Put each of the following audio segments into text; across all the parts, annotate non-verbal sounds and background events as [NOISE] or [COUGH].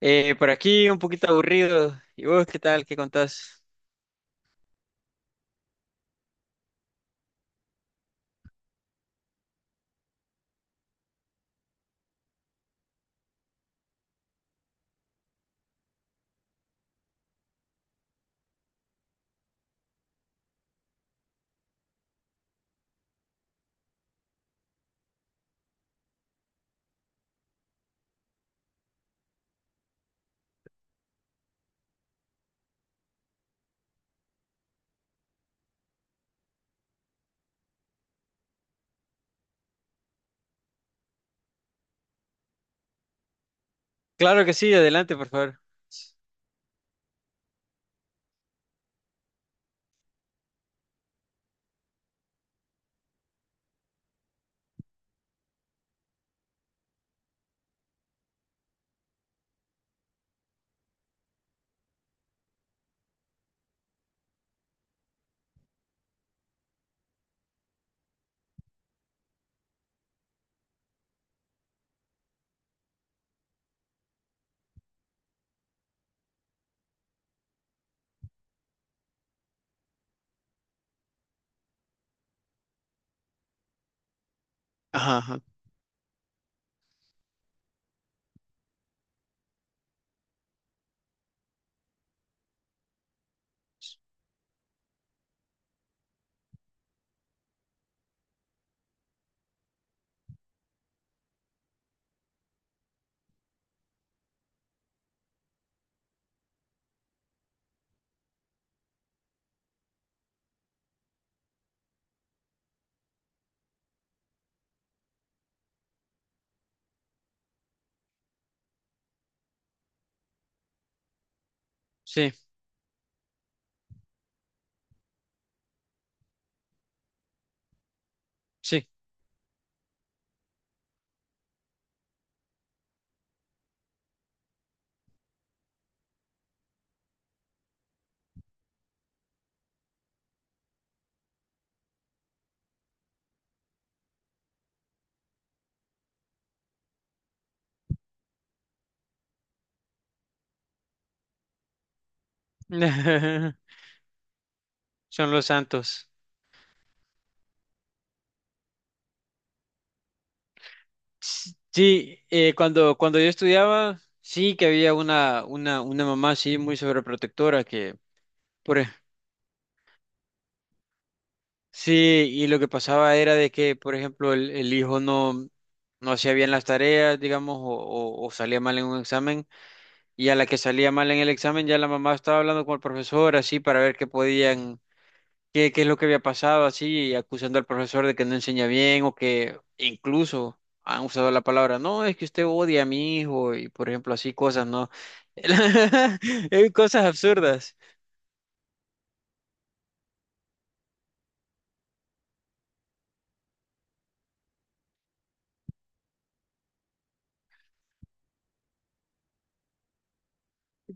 Por aquí un poquito aburrido. ¿Y vos qué tal? ¿Qué contás? Claro que sí, adelante, por favor. Ajá, ajá. Sí, sí. [LAUGHS] Son los santos. Sí, cuando yo estudiaba, sí que había una mamá, sí, muy sobreprotectora, que, por, ej- sí, y lo que pasaba era de que, por ejemplo, el hijo no hacía bien las tareas, digamos, o, o salía mal en un examen. Y a la que salía mal en el examen, ya la mamá estaba hablando con el profesor, así, para ver qué podían, qué, qué es lo que había pasado, así, y acusando al profesor de que no enseña bien o que incluso han usado la palabra, no, es que usted odia a mi hijo y, por ejemplo, así cosas, ¿no? [LAUGHS] Cosas absurdas.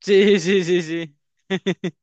Sí, sí, sí, sí. [LAUGHS]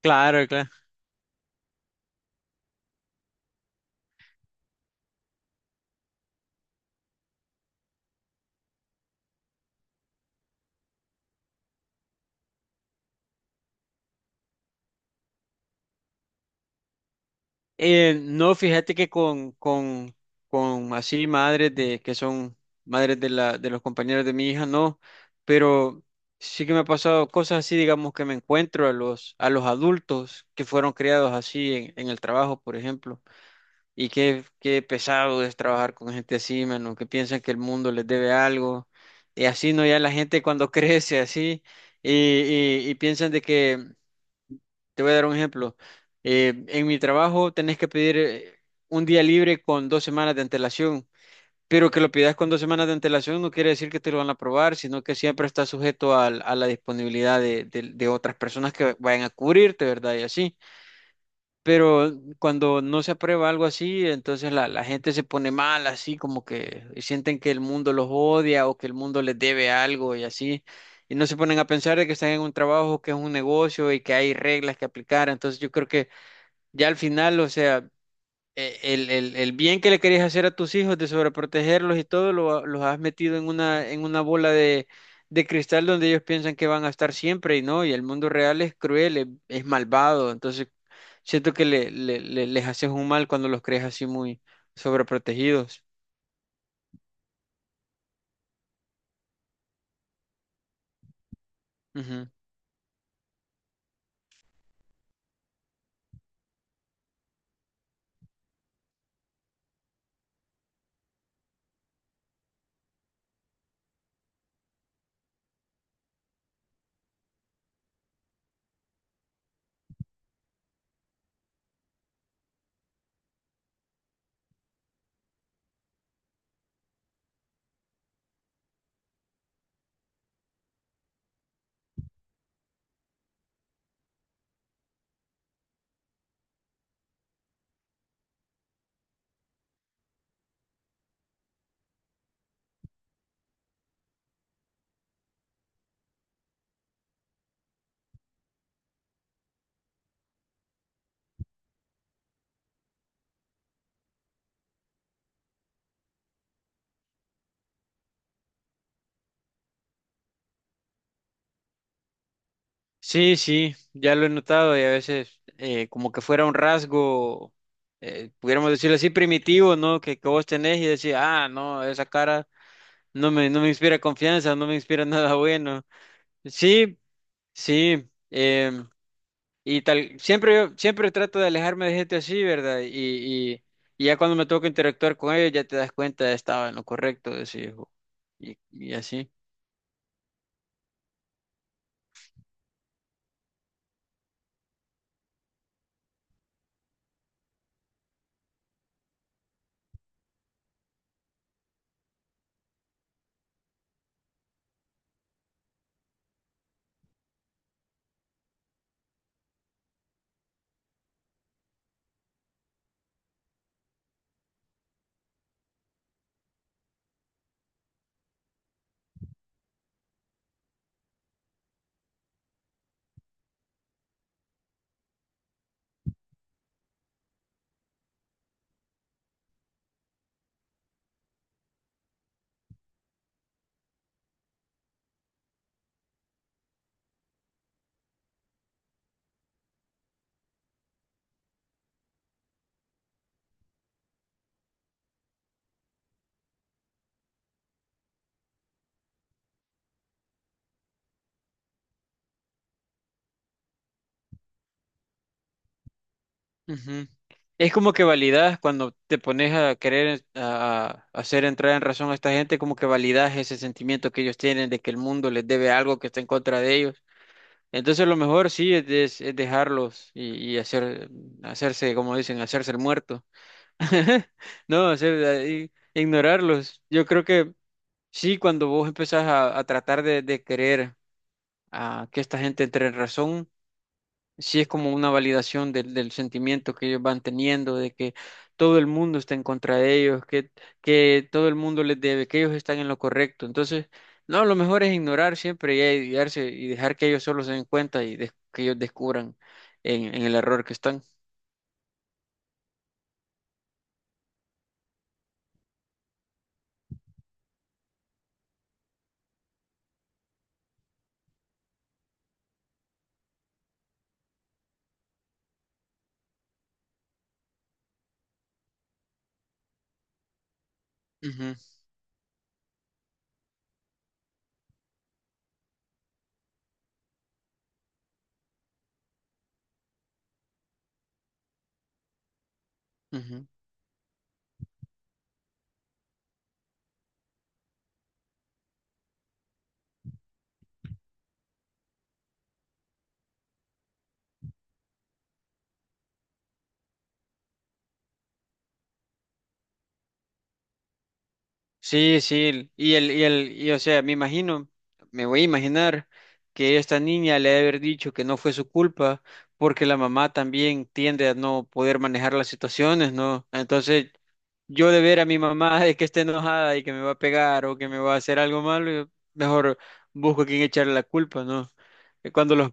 Claro, claro. No, fíjate que con así madres de que son madres de la, de los compañeros de mi hija, no, pero sí que me ha pasado cosas así, digamos, que me encuentro a los adultos que fueron criados así en el trabajo, por ejemplo, y qué, qué pesado es trabajar con gente así, mano, que piensan que el mundo les debe algo. Y así no, ya la gente cuando [LAUGHS] crece así, y, y piensan de que te voy a dar un ejemplo. En mi trabajo tenés que pedir un día libre con dos semanas de antelación, pero que lo pidas con dos semanas de antelación no quiere decir que te lo van a aprobar, sino que siempre está sujeto a la disponibilidad de, de otras personas que vayan a cubrirte, ¿verdad? Y así. Pero cuando no se aprueba algo así, entonces la gente se pone mal, así como que y sienten que el mundo los odia o que el mundo les debe algo y así. Y no se ponen a pensar de que están en un trabajo, que es un negocio y que hay reglas que aplicar. Entonces yo creo que ya al final, o sea, el bien que le querías hacer a tus hijos de sobreprotegerlos y todo, lo, los has metido en una bola de cristal donde ellos piensan que van a estar siempre y no, y el mundo real es cruel, es malvado. Entonces siento que les haces un mal cuando los crees así muy sobreprotegidos. Ujú. Sí, sí, ya lo he notado y a veces como que fuera un rasgo, pudiéramos decirlo así, primitivo, ¿no? Que vos tenés y decís, ah, no, esa cara no me inspira confianza, no me inspira [LAUGHS] nada bueno. Sí, sí. Y tal, siempre yo, siempre trato de alejarme de gente así, ¿verdad? Y, y ya cuando me toca interactuar con ellos, ya te das cuenta, estaba en lo correcto, decís, y así. Ujú. Es como que validas cuando te pones a querer a hacer entrar en razón a esta gente, como que validas ese sentimiento que ellos tienen de que el mundo les debe algo que está en contra de ellos. Entonces lo mejor sí es, es dejarlos y hacer, hacerse, como dicen, hacerse el muerto. [LAUGHS] No, o sea, ignorarlos. Yo creo que sí, cuando vos empezás a tratar de querer a que esta gente entre en razón, sí es como una validación del, del sentimiento que ellos van teniendo, de que todo el mundo está en contra de ellos, que todo el mundo les debe, que ellos están en lo correcto. Entonces, no, lo mejor es ignorar siempre y ayudarse y dejar que ellos solo se den cuenta y que ellos descubran en el error que están. Ujú, ujú. Sí, sí, y o sea, me imagino, me voy a imaginar que esta niña le ha de haber dicho que no fue su culpa, porque la mamá también tiende a no poder manejar las situaciones, ¿no? Entonces, yo de ver a mi mamá de que esté enojada y que me va a pegar o que me va a hacer algo malo, yo mejor busco a quien echarle la culpa, ¿no? Eh, Cuando los,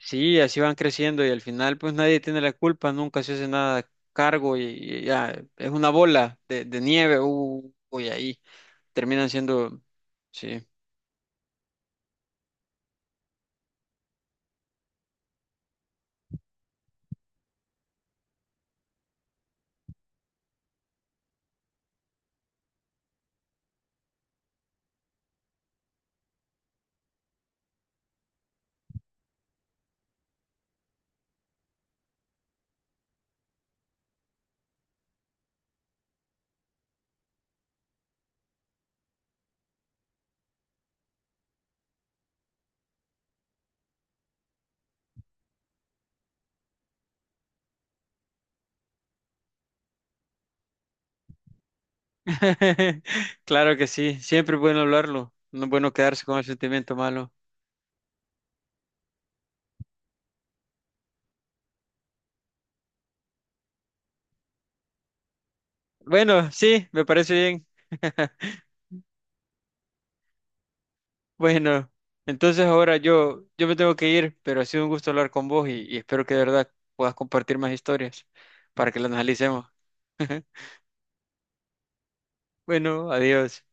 sí, así van creciendo y al final, pues nadie tiene la culpa, nunca se hace nada cargo y ya, es una bola de nieve, uy, ahí. Terminan siendo, sí, [LAUGHS] claro que sí, siempre es bueno hablarlo, no es bueno quedarse con el sentimiento malo. Bueno, sí, me parece bien. [LAUGHS] Bueno, entonces ahora yo, yo me tengo que ir, pero ha sido un gusto hablar con vos y espero que de verdad puedas compartir más historias para que las analicemos. [LAUGHS] Bueno, adiós.